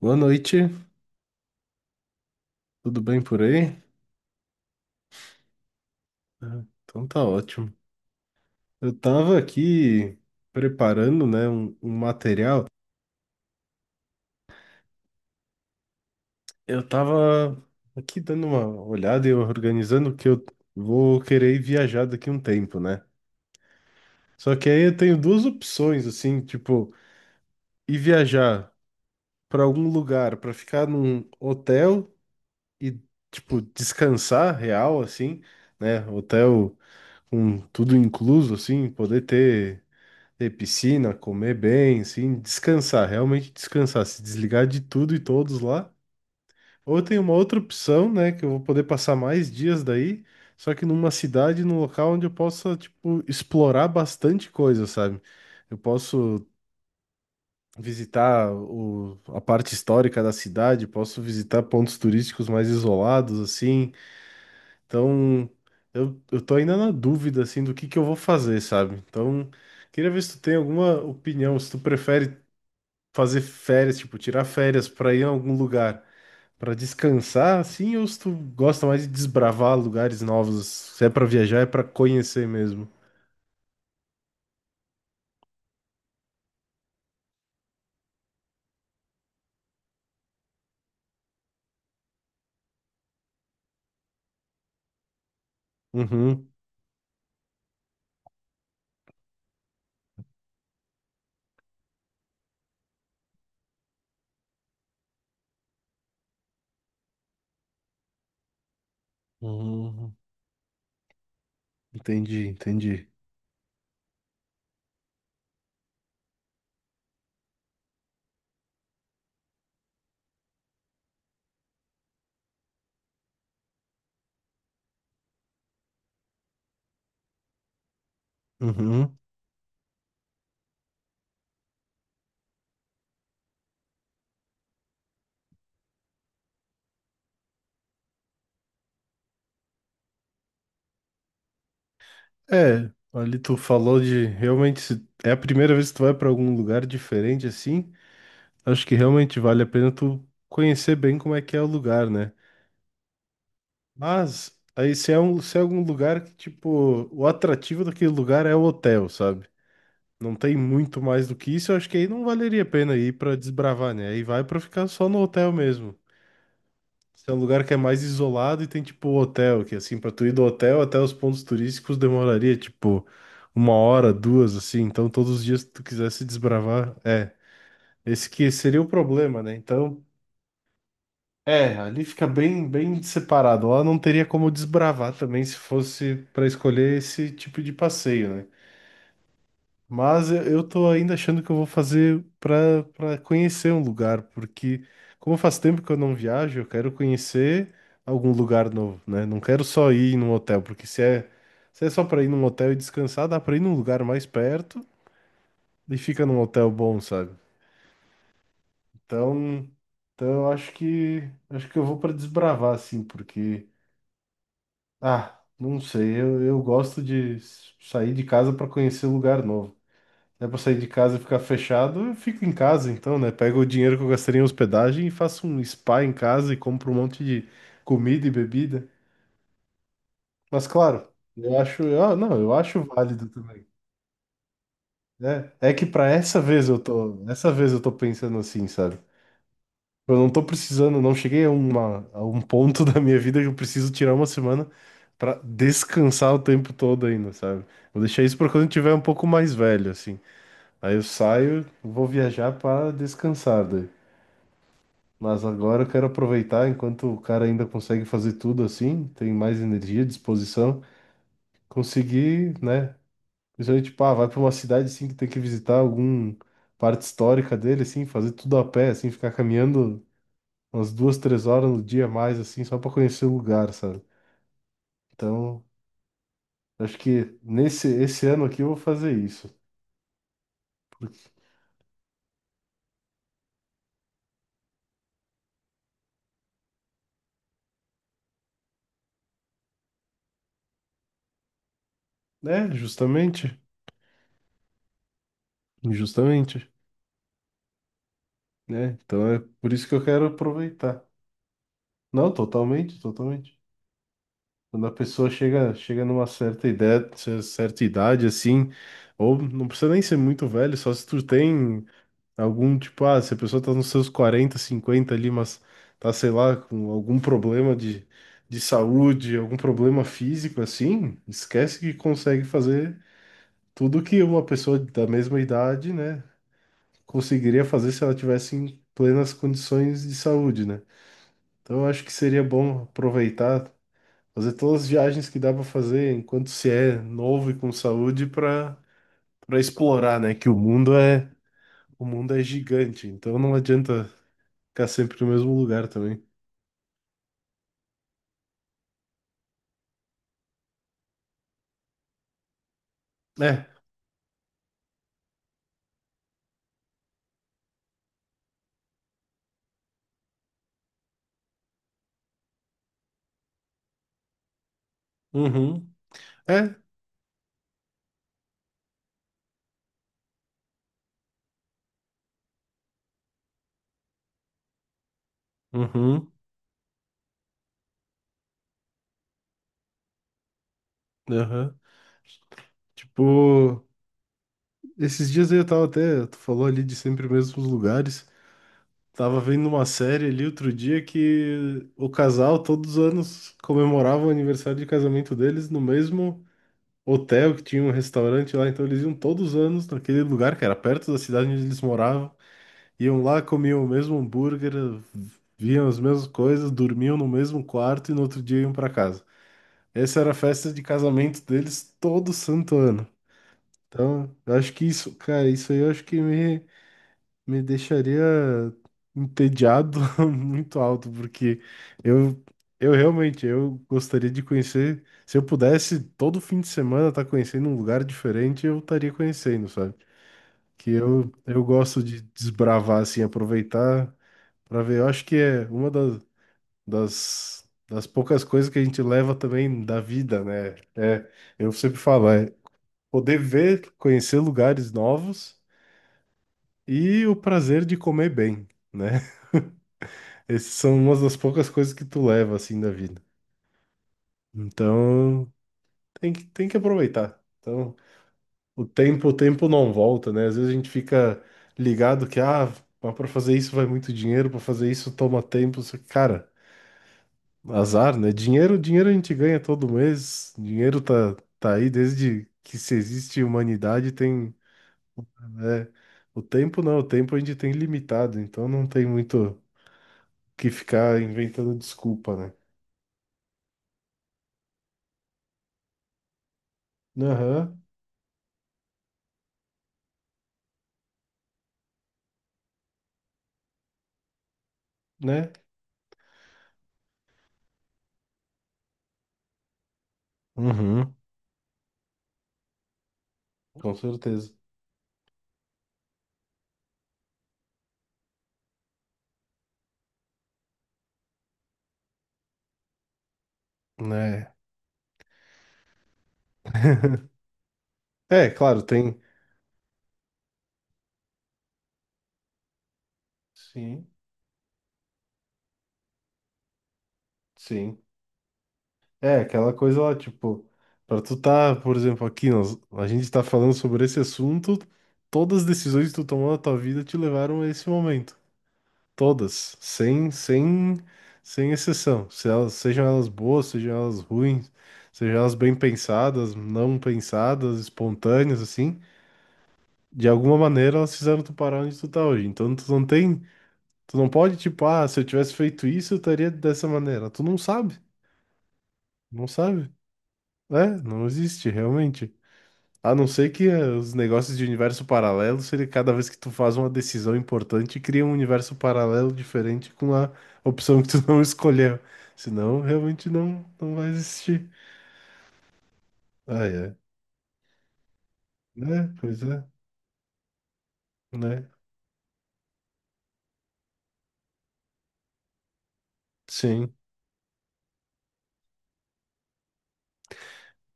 Boa noite, tudo bem por aí? Então tá ótimo. Eu tava aqui preparando, né, um material. Eu tava aqui dando uma olhada e organizando que eu vou querer ir viajar daqui um tempo, né? Só que aí eu tenho duas opções, assim, tipo, ir viajar pra algum lugar, pra ficar num hotel e, tipo, descansar real, assim, né? Hotel com tudo incluso, assim, poder ter piscina, comer bem, assim, descansar, realmente descansar, se desligar de tudo e todos lá. Ou tem uma outra opção, né, que eu vou poder passar mais dias daí, só que numa cidade, num local onde eu possa, tipo, explorar bastante coisa, sabe? Eu posso visitar a parte histórica da cidade, posso visitar pontos turísticos mais isolados, assim. Então, eu tô ainda na dúvida, assim, do que eu vou fazer, sabe? Então, queria ver se tu tem alguma opinião, se tu prefere fazer férias, tipo, tirar férias pra ir a algum lugar pra descansar, assim, ou se tu gosta mais de desbravar lugares novos? Se é pra viajar, é pra conhecer mesmo. Uhum, uhum. Entendi, entendi. Uhum. É, ali tu falou de realmente se é a primeira vez que tu vai pra algum lugar diferente assim, acho que realmente vale a pena tu conhecer bem como é que é o lugar, né? Mas aí se é algum lugar que tipo, o atrativo daquele lugar é o hotel, sabe? Não tem muito mais do que isso, eu acho que aí não valeria a pena ir pra desbravar, né? Aí vai pra ficar só no hotel mesmo. Se é um lugar que é mais isolado e tem tipo hotel, que assim, pra tu ir do hotel até os pontos turísticos demoraria tipo uma hora, duas, assim. Então todos os dias que tu quisesse desbravar, é. Esse que seria o problema, né? Então, é, ali fica bem, bem separado. Lá não teria como desbravar também se fosse pra escolher esse tipo de passeio, né? Mas eu tô ainda achando que eu vou fazer para conhecer um lugar, porque como faz tempo que eu não viajo, eu quero conhecer algum lugar novo, né? Não quero só ir num hotel, porque se é só para ir num hotel e descansar, dá para ir num lugar mais perto e fica num hotel bom, sabe? Então, então, eu acho que eu vou para desbravar assim, porque ah, não sei, eu gosto de s- sair de casa para conhecer lugar novo. É pra sair de casa e ficar fechado, eu fico em casa então, né? Pego o dinheiro que eu gastaria em hospedagem e faço um spa em casa e compro um monte de comida e bebida. Mas claro, eu acho, eu, não, eu acho válido também. Né? É que pra essa vez eu tô, essa vez eu tô pensando assim, sabe? Eu não tô precisando, não cheguei a um ponto da minha vida que eu preciso tirar uma semana pra descansar o tempo todo ainda, sabe? Vou deixar isso pra quando eu tiver um pouco mais velho, assim. Aí eu saio, vou viajar pra descansar, daí. Mas agora eu quero aproveitar, enquanto o cara ainda consegue fazer tudo assim, tem mais energia, disposição, conseguir, né? Principalmente, pá, vai para uma cidade assim que tem que visitar algum parte histórica dele, assim, fazer tudo a pé, assim, ficar caminhando umas 2, 3 horas no dia a mais, assim, só para conhecer o lugar, sabe? Então, acho que nesse esse ano aqui eu vou fazer isso. Né, justamente, justamente, né? Então é por isso que eu quero aproveitar. Não, totalmente, totalmente. Quando a pessoa chega numa certa idade, assim, ou não precisa nem ser muito velho, só se tu tem algum, tipo, ah, se a pessoa tá nos seus 40 50 ali, mas tá, sei lá, com algum problema de saúde, algum problema físico, assim, esquece que consegue fazer tudo que uma pessoa da mesma idade, né, conseguiria fazer se ela tivesse em plenas condições de saúde, né? Então, eu acho que seria bom aproveitar. Fazer todas as viagens que dá pra fazer enquanto se é novo e com saúde pra para explorar, né? Que o mundo é gigante, então não adianta ficar sempre no mesmo lugar também. É, uhum, é, uhum, aham. Tipo, esses dias aí eu tava até, tu falou ali de sempre os mesmos lugares. Tava vendo uma série ali outro dia que o casal todos os anos comemorava o aniversário de casamento deles no mesmo hotel que tinha um restaurante lá, então eles iam todos os anos naquele lugar que era perto da cidade onde eles moravam, iam lá, comiam o mesmo hambúrguer, viam as mesmas coisas, dormiam no mesmo quarto e no outro dia iam para casa. Essa era a festa de casamento deles todo santo ano. Então, eu acho que isso, cara, isso aí eu acho que me deixaria entediado muito alto, porque eu, eu realmente eu gostaria de conhecer. Se eu pudesse todo fim de semana estar conhecendo um lugar diferente, eu estaria conhecendo, sabe? Que eu gosto de desbravar, assim, aproveitar para ver. Eu acho que é uma das poucas coisas que a gente leva também da vida, né? É, eu sempre falo, é poder ver, conhecer lugares novos e o prazer de comer bem, né? Essas são umas das poucas coisas que tu leva assim da vida. Então, tem que aproveitar. Então, o tempo não volta, né? Às vezes a gente fica ligado que, ah, mas para fazer isso vai muito dinheiro, para fazer isso toma tempo. Só que, cara, azar, né? Dinheiro a gente ganha todo mês. Dinheiro tá aí desde que se existe humanidade, tem, né? O tempo não, o tempo a gente tem limitado, então não tem muito o que ficar inventando desculpa, né? Aham, né? Uhum, com certeza, né? É, claro, tem. Sim, sim. É, aquela coisa lá, tipo, pra tu tá, por exemplo, aqui, nós, a gente tá falando sobre esse assunto, todas as decisões que tu tomou na tua vida te levaram a esse momento. Todas, sem exceção. Se elas, sejam elas boas, sejam elas ruins, sejam elas bem pensadas, não pensadas, espontâneas, assim, de alguma maneira elas fizeram tu parar onde tu tá hoje. Então tu não tem. Tu não pode, tipo, ah, se eu tivesse feito isso, eu estaria dessa maneira. Tu não sabe, não sabe. É, não existe, realmente. A não ser que os negócios de universo paralelo seria cada vez que tu faz uma decisão importante, cria um universo paralelo diferente com a opção que tu não escolheu. Senão, realmente não vai existir. Ah, é. Né? Pois é, né? Sim.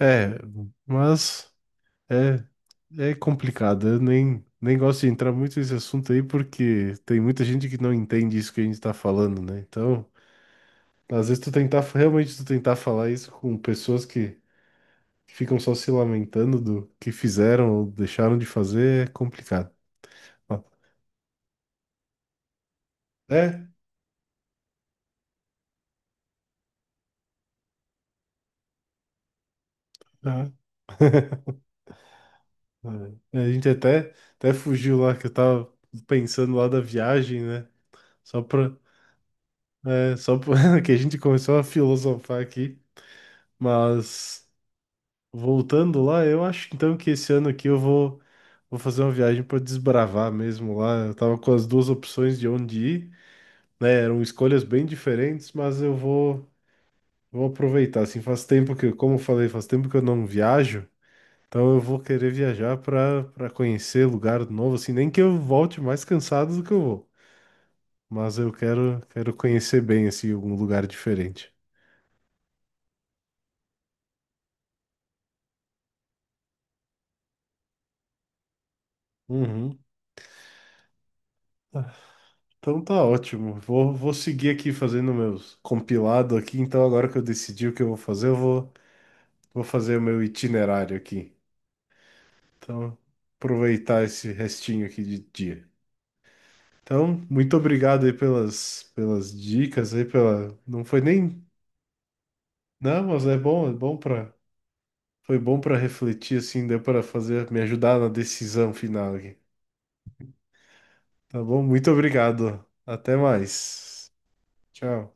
É, mas. É, é complicado. Eu nem gosto de entrar muito nesse assunto aí, porque tem muita gente que não entende isso que a gente tá falando, né? Então, às vezes tu tentar, realmente tu tentar falar isso com pessoas que ficam só se lamentando do que fizeram ou deixaram de fazer é complicado. É, aham, é. A gente até fugiu lá, que eu tava pensando lá da viagem, né? Só pra, só pra, que a gente começou a filosofar aqui, mas. Voltando lá, eu acho então que esse ano aqui vou fazer uma viagem para desbravar mesmo lá. Eu tava com as duas opções de onde ir, né? Eram escolhas bem diferentes, mas vou aproveitar. Assim, faz tempo que, como eu falei, faz tempo que eu não viajo, então eu vou querer viajar para conhecer lugar novo, assim, nem que eu volte mais cansado do que eu vou, mas eu quero conhecer bem assim algum lugar diferente. Uhum. Então tá ótimo. Vou seguir aqui fazendo meus compilado aqui. Então agora que eu decidi o que eu vou fazer, vou fazer o meu itinerário aqui. Então, aproveitar esse restinho aqui de dia. Então, muito obrigado aí pelas dicas aí pela não foi nem não, mas é bom para foi bom para refletir assim, deu para fazer me ajudar na decisão final aqui. Tá bom? Muito obrigado. Até mais. Tchau.